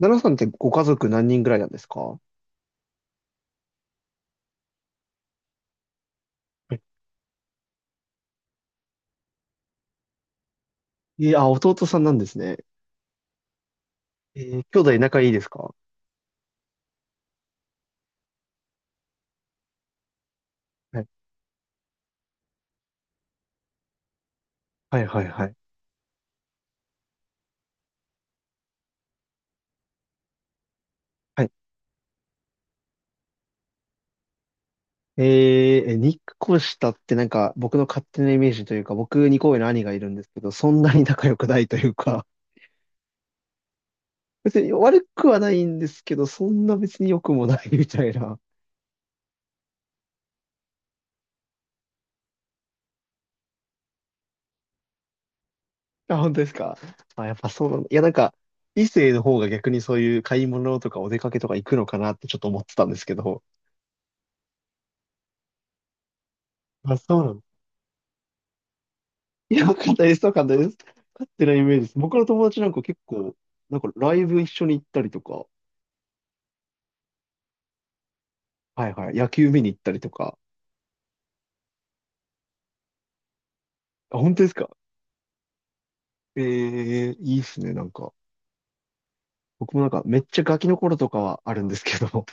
奈良さんってご家族何人ぐらいなんですか？はい。いや、弟さんなんですね。兄弟仲いいですか？はいはいはいはい。はい。日光下ってなんか僕の勝手なイメージというか、僕2個上の兄がいるんですけど、そんなに仲良くないというか、別に悪くはないんですけど、そんな別に良くもないみたいな。あ、本当ですか？あ、やっぱそうなんだ。いや、なんか、異性の方が逆にそういう買い物とかお出かけとか行くのかなってちょっと思ってたんですけど。まあそうなんだ。いや、簡単です。簡単です。勝ってないイメージです。僕の友達なんか結構、なんかライブ一緒に行ったりとか、はいはい、野球見に行ったりとか。あ、本当ですか？ええ、いいっすね、なんか。僕もなんかめっちゃガキの頃とかはあるんですけど、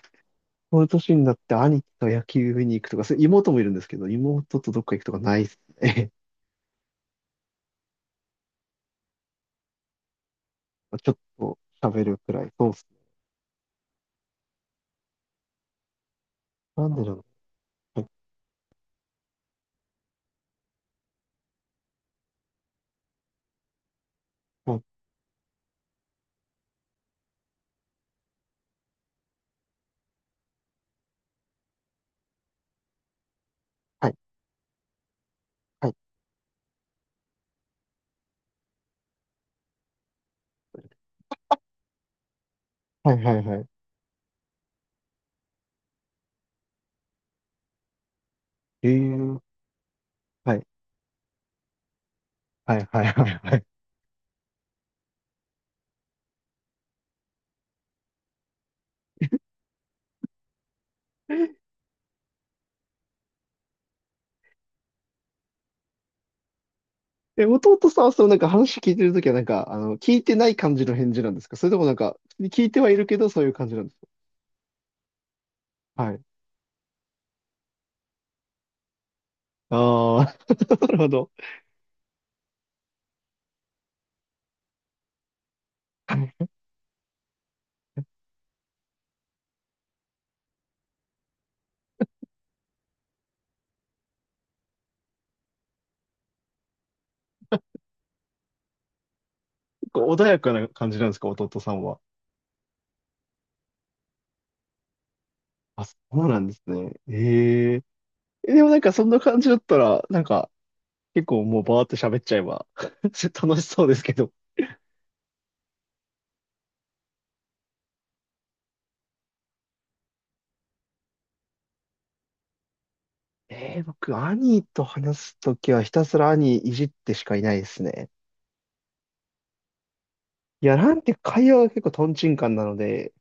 この年になって兄貴と野球見に行くとか、それ妹もいるんですけど、妹とどっか行くとかないっすね。まあちょっと喋るくらい。そうっすね。なんでだろう。はい、はい、はい、はい、はい、はい。ええ、はい、はい、はい、はい。はい。え、弟さんはそのなんか話聞いてるときはなんか、聞いてない感じの返事なんですか？それともなんか、聞いてはいるけどそういう感じなんですか？はい。ああ、なるほど。結構穏やかな感じなんですか、弟さんは。あ、そうなんですね。ええ。え、でもなんかそんな感じだったら、なんか、結構もうバーって喋っちゃえば 楽しそうですけど。ええ、僕、兄と話すときはひたすら兄いじってしかいないですね。いや、なんて会話が結構トンチンカンなので、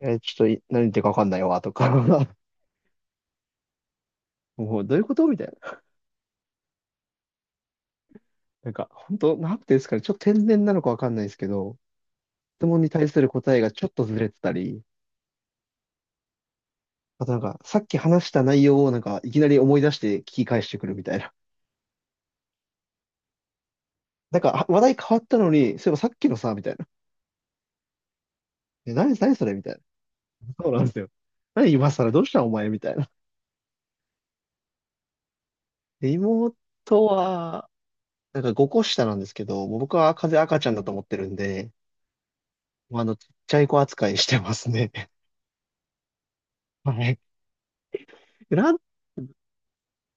えーちょっとい何言ってるかわかんないわ、とか もうどういうことみたいな。なんか、本当なんていうんですかね、ちょっと天然なのかわかんないですけど、質問に対する答えがちょっとずれてたり、あとなんか、さっき話した内容をなんか、いきなり思い出して聞き返してくるみたいな。なんか、あ、話題変わったのに、そういえばさっきのさ、みたいな。え、何、何それみたいな。そうなんですよ。何今更どうしたお前みたいな。で、妹は、なんか5個下なんですけど、もう僕は風赤ちゃんだと思ってるんで、もうちっちゃい子扱いしてますね。はい。なん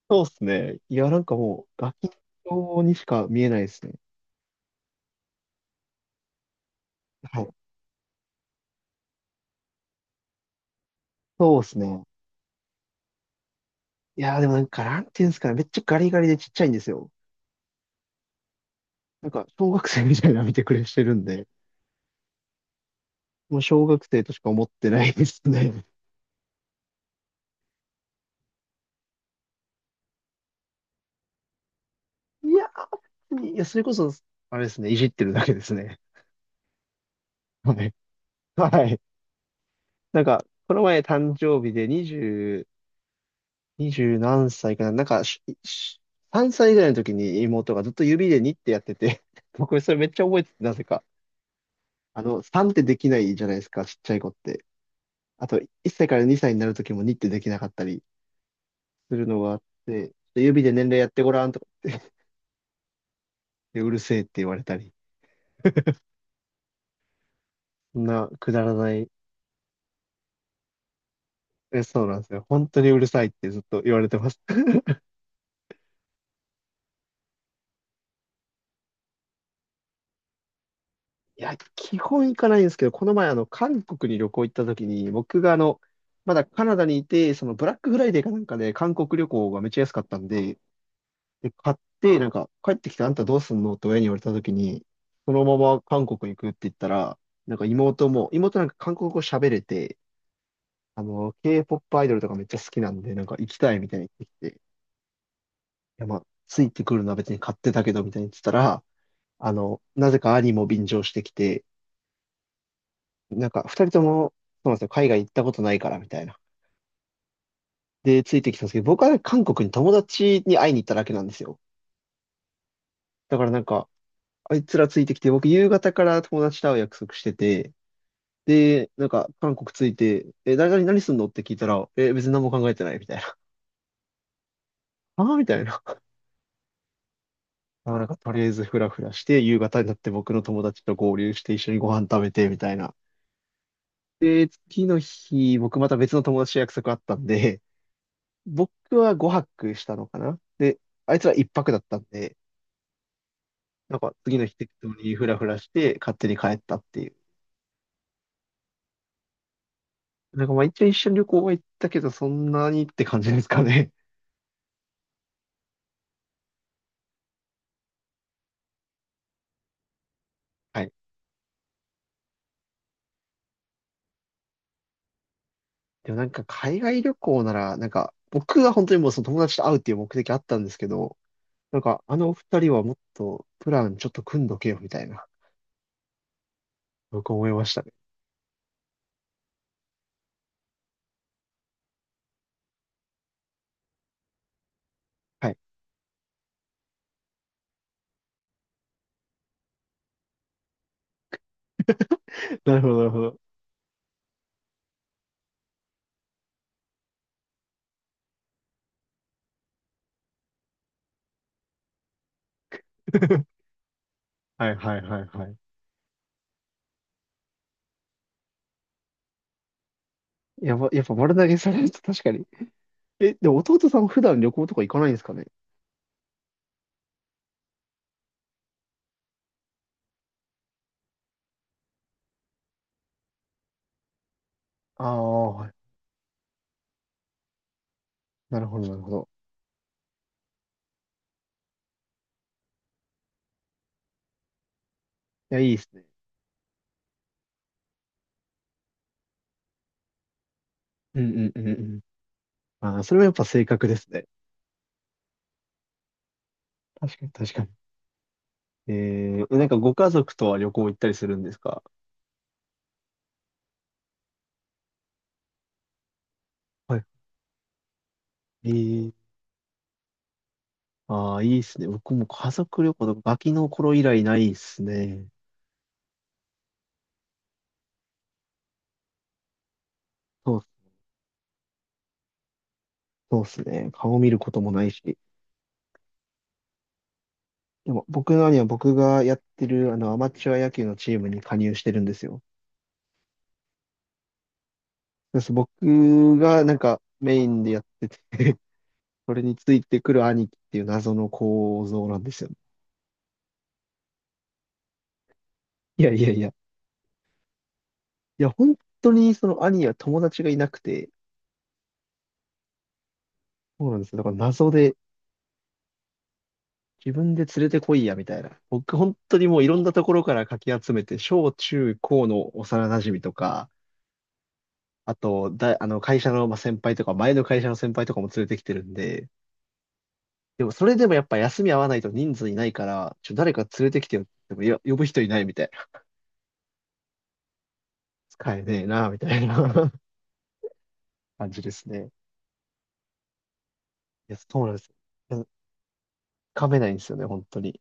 そうですね。いや、なんかもう、ガキ用にしか見えないですね。はい。そうですね。いや、でもなんか、なんていうんですかね。めっちゃガリガリでちっちゃいんですよ。なんか、小学生みたいな見てくれしてるんで、もう小学生としか思ってないですね。いやー、いや、それこそ、あれですね。いじってるだけですね。はい。はい。なんか、この前誕生日で20、20何歳かな。なんか、3歳ぐらいの時に妹がずっと指でにってやってて、僕それめっちゃ覚えてて、なぜか。3ってできないじゃないですか、ちっちゃい子って。あと、1歳から2歳になるときも2ってできなかったりするのがあって、ちょっと指で年齢やってごらんとか言って、でうるせえって言われたり。そんなくだらない。え、そうなんですよ。本当にうるさいってずっと言われてます。いや、基本行かないんですけど、この前、韓国に旅行行った時に、僕がまだカナダにいて、そのブラックフライデーかなんかで韓国旅行がめっちゃ安かったんで、で、買って、なんか、帰ってきてあんたどうすんのって親に言われたときに、そのまま韓国行くって言ったら、なんか妹も、妹なんか韓国語喋れて、K-POP アイドルとかめっちゃ好きなんで、なんか行きたいみたいに言ってきて、いや、まあ、ついてくるのは別に買ってたけど、みたいに言ってたら、なぜか兄も便乗してきて、なんか、二人とも、そうなんですよ、海外行ったことないから、みたいな。で、ついてきたんですけど、僕は韓国に友達に会いに行っただけなんですよ。だからなんか、あいつらついてきて、僕夕方から友達と会う約束してて、で、なんか、韓国着いて、え、誰々何すんのって聞いたら、え、別に何も考えてないみたいな。ああ、みたいな。あ、なんか、とりあえずフラフラして、夕方になって僕の友達と合流して、一緒にご飯食べて、みたいな。で、次の日、僕また別の友達と約束あったんで、僕は5泊したのかな、で、あいつら一泊だったんで、なんか、次の日適当にフラフラして、勝手に帰ったっていう。なんか、まあ一応一緒に旅行は行ったけど、そんなにって感じですかね。はい。でもなんか海外旅行なら、なんか僕は本当にもうその友達と会うっていう目的あったんですけど、なんかお二人はもっとプランちょっと組んどけよみたいな、僕思いましたね。はい。なるほど、なるほど。はいはいはいはい。やば、やっぱ丸投げされると確かに。え、でも弟さん普段旅行とか行かないんですかね？ああ、はい。なるほど、なるほど。いや、いいですね。うんうんうんうん。ああ、それはやっぱ性格ですね。確かに確かに。えなんかご家族とは旅行行ったりするんですか？はい。えー、ああ、いいっすね。僕も家族旅行とかガキの頃以来ないっすね。そう、そうっすね。顔見ることもないし。でも僕の兄は僕がやってるあのアマチュア野球のチームに加入してるんですよ。そうそう、僕がなんかメインでやってて それについてくる兄貴っていう謎の構造なんですよ。いやいやいや。いや、本当にその兄は友達がいなくて、そうなんですよ。だから謎で自分で連れてこいや、みたいな。僕、本当にもういろんなところからかき集めて、小中高の幼馴染とか、あと、だ、あの、会社のまあ先輩とか、前の会社の先輩とかも連れてきてるんで、でも、それでもやっぱ休み合わないと人数いないから、誰か連れてきてよっても、いや、呼ぶ人いないみたいな。使えねえな、みたいな 感じですね。いや、そうなんですよ。いや、かめないんですよね、本当に。